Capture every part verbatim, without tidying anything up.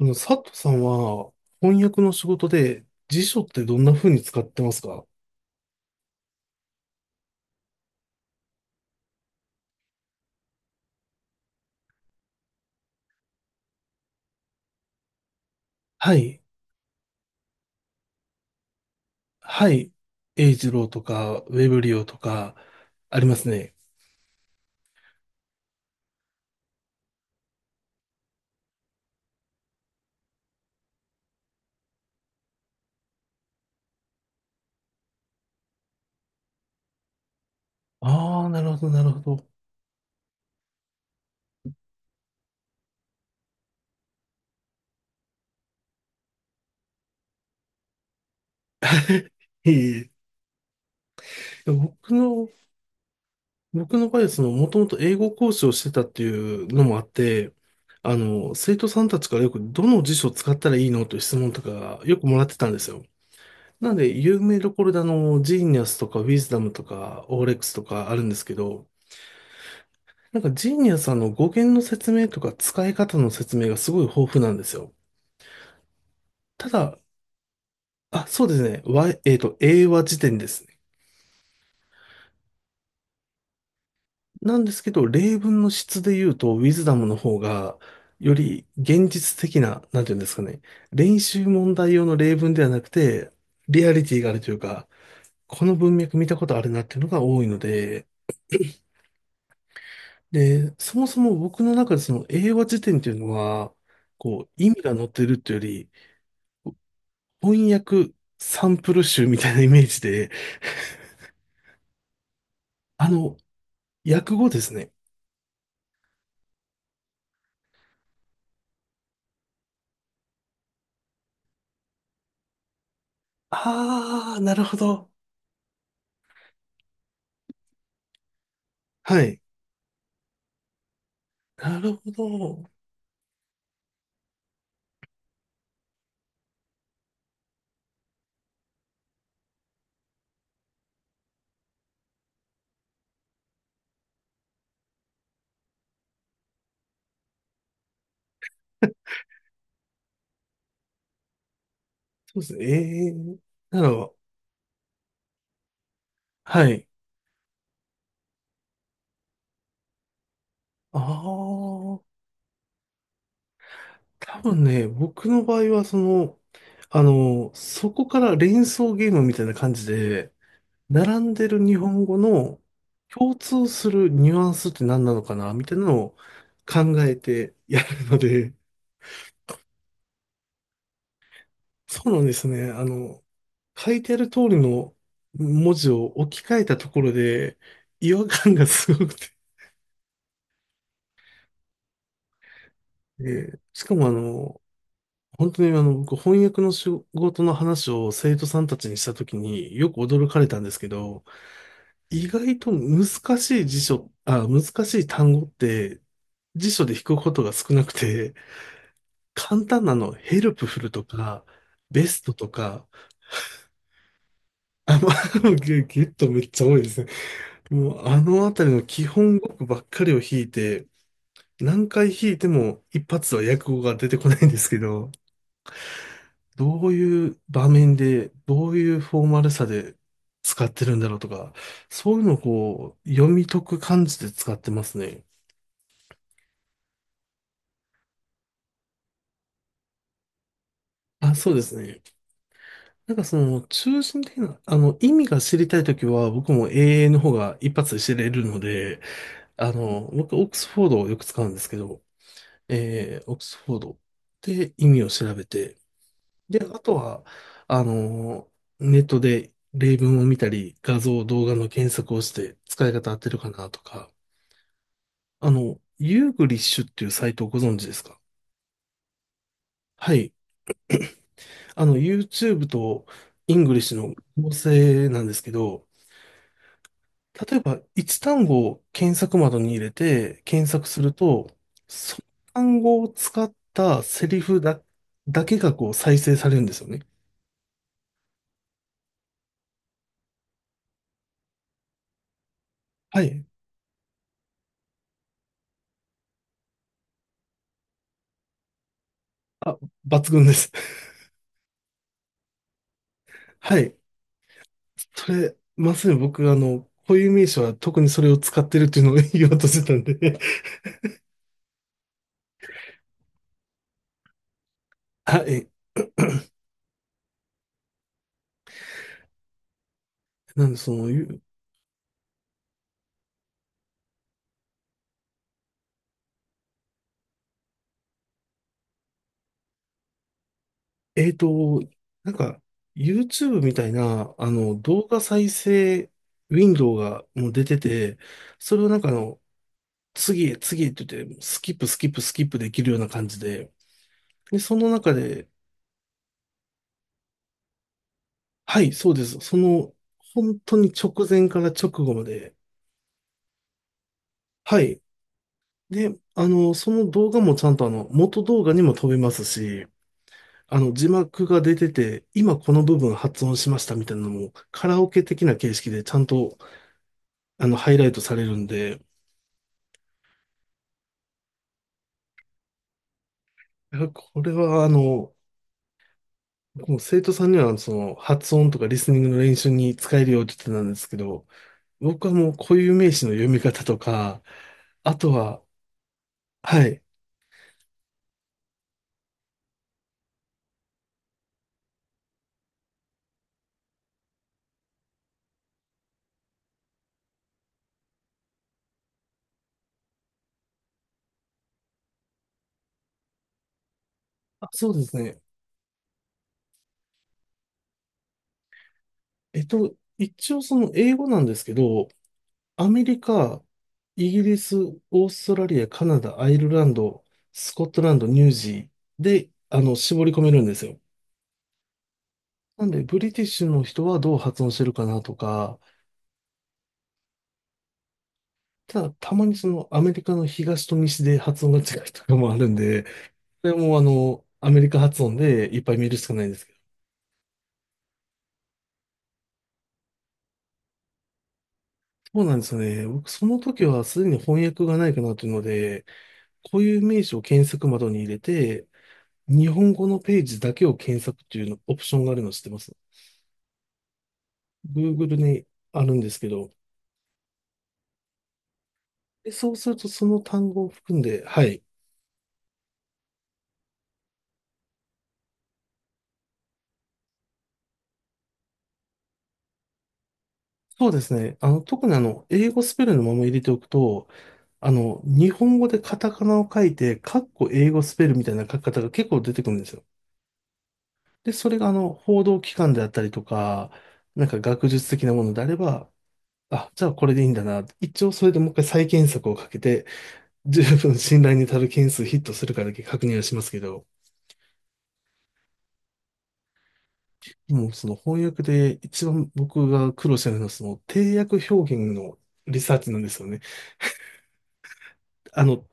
あの佐藤さんは翻訳の仕事で辞書ってどんな風に使ってますか？はい。はい。英二郎とか、ウェブリオとか、ありますね。ああ、なるほど、なるほど。いえいえ。でも僕の、僕の場合はその、もともと英語講師をしてたっていうのもあって、あの、生徒さんたちからよくどの辞書を使ったらいいのという質問とかよくもらってたんですよ。なので、有名どころであの、ジーニアスとか、ウィズダムとか、オーレックスとかあるんですけど、なんかジーニアさんの語源の説明とか使い方の説明がすごい豊富なんですよ。ただ、あ、そうですね。わえっと、英和辞典ですね。なんですけど、例文の質で言うと、ウィズダムの方が、より現実的な、なんていうんですかね。練習問題用の例文ではなくて、リアリティがあるというか、この文脈見たことあるなっていうのが多いので、で、そもそも僕の中でその英和辞典っていうのは、こう、意味が載ってるっていうより、翻訳サンプル集みたいなイメージで、あの、訳語ですね。ああ、なるほど。はい。なるほど。そうですね。ええ、なるほど。はい。ああ、多分ね、僕の場合は、その、あの、そこから連想ゲームみたいな感じで、並んでる日本語の共通するニュアンスって何なのかな、みたいなのを考えてやるので、そうなんですね。あの、書いてある通りの文字を置き換えたところで、違和感がすごくて。でしかもあの、本当にあの、僕翻訳の仕事の話を生徒さんたちにしたときによく驚かれたんですけど、意外と難しい辞書、あ、難しい単語って辞書で引くことが少なくて、簡単なの、ヘルプフルとか、ベストとか、あ、まあ、ゲゲットめっちゃ多いですね。もうあのあたりの基本語句ばっかりを弾いて、何回弾いても一発は訳語が出てこないんですけど、どういう場面で、どういうフォーマルさで使ってるんだろうとか、そういうのをこう、読み解く感じで使ってますね。あ、そうですね。なんかその、中心的な、あの、意味が知りたいときは、僕も エーエー の方が一発で知れるので、あの、僕、オックスフォードをよく使うんですけど、えー、オックスフォードで意味を調べて、で、あとは、あの、ネットで例文を見たり、画像、動画の検索をして使い方合ってるかなとか、あの、ユーグリッシュっていうサイトをご存知ですか？はい。あの、YouTube とイングリッシュの合成なんですけど、例えばいちたんごを検索窓に入れて検索すると、その単語を使ったセリフだ、だけがこう再生されるんですよね。はい。あ、抜群です。はい。それ、まさに僕、あの、固有名詞は特にそれを使ってるっていうのを 言おうとしてたんで。 あ、え、なんでその、ゆえっと、なんか、YouTube みたいな、あの、動画再生ウィンドウがもう出てて、それをなんかあの、次へ次へって言って、スキップスキップスキップできるような感じで、で、その中で、はい、そうです。その、本当に直前から直後まで、はい。で、あの、その動画もちゃんとあの、元動画にも飛べますし、あの、字幕が出てて、今この部分発音しましたみたいなのも、カラオケ的な形式でちゃんと、あの、ハイライトされるんで、いやこれは、あの、もう生徒さんには、その、発音とかリスニングの練習に使えるよって言ってたんですけど、僕はもう固有名詞の読み方とか、あとは、はい。あ、そうですね。えっと、一応その英語なんですけど、アメリカ、イギリス、オーストラリア、カナダ、アイルランド、スコットランド、ニュージーで、あの、絞り込めるんですよ。なんで、ブリティッシュの人はどう発音してるかなとか、ただ、たまにそのアメリカの東と西で発音が違うとかもあるんで、それもあの、アメリカ発音でいっぱい見るしかないんですけど。そうなんですよね。僕、その時はすでに翻訳がないかなというので、こういう名詞を検索窓に入れて、日本語のページだけを検索っていうのオプションがあるの知ってます？ Google にあるんですけど、でそうするとその単語を含んで、はい。そうですね。あの、特にあの、英語スペルのまま入れておくと、あの、日本語でカタカナを書いて、カッコ英語スペルみたいな書き方が結構出てくるんですよ。で、それがあの、報道機関であったりとか、なんか学術的なものであれば、あ、じゃあこれでいいんだな。一応それでもういっかい再検索をかけて、十分信頼に足る件数ヒットするかだけ確認はしますけど、もうその翻訳で一番僕が苦労してるのはその定訳表現のリサーチなんですよね。あの、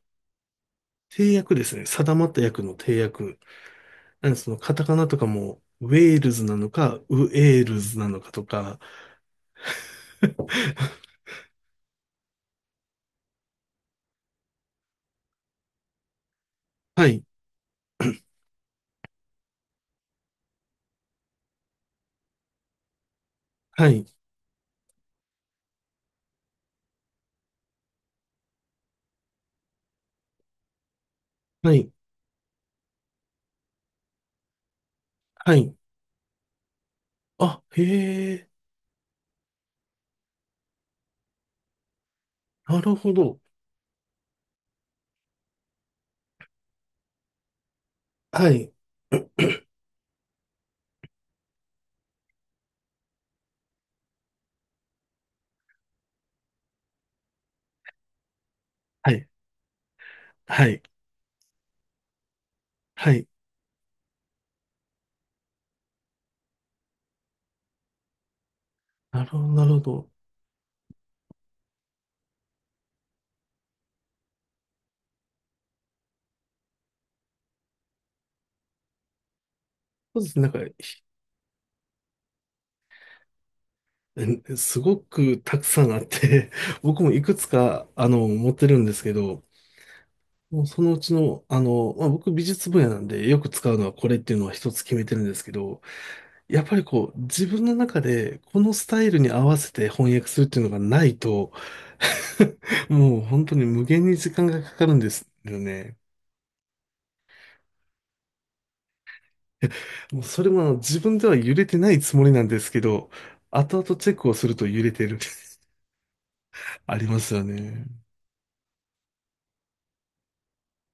定訳ですね。定まった訳の定訳。なんでそのカタカナとかもウェールズなのか、ウエールズなのかとか。はい、はい、はい、はい。あ、へえ、なるほど。はい、はい、はい、はい。なるほど、なるほど。そうですね。なんか、えすごくたくさんあって、僕もいくつか、あの、持ってるんですけど、もうそのうちの、あの、まあ、僕美術分野なんでよく使うのはこれっていうのは一つ決めてるんですけど、やっぱりこう自分の中でこのスタイルに合わせて翻訳するっていうのがないと、もう本当に無限に時間がかかるんですよね。もうそれもあの自分では揺れてないつもりなんですけど、後々チェックをすると揺れてる。ありますよね。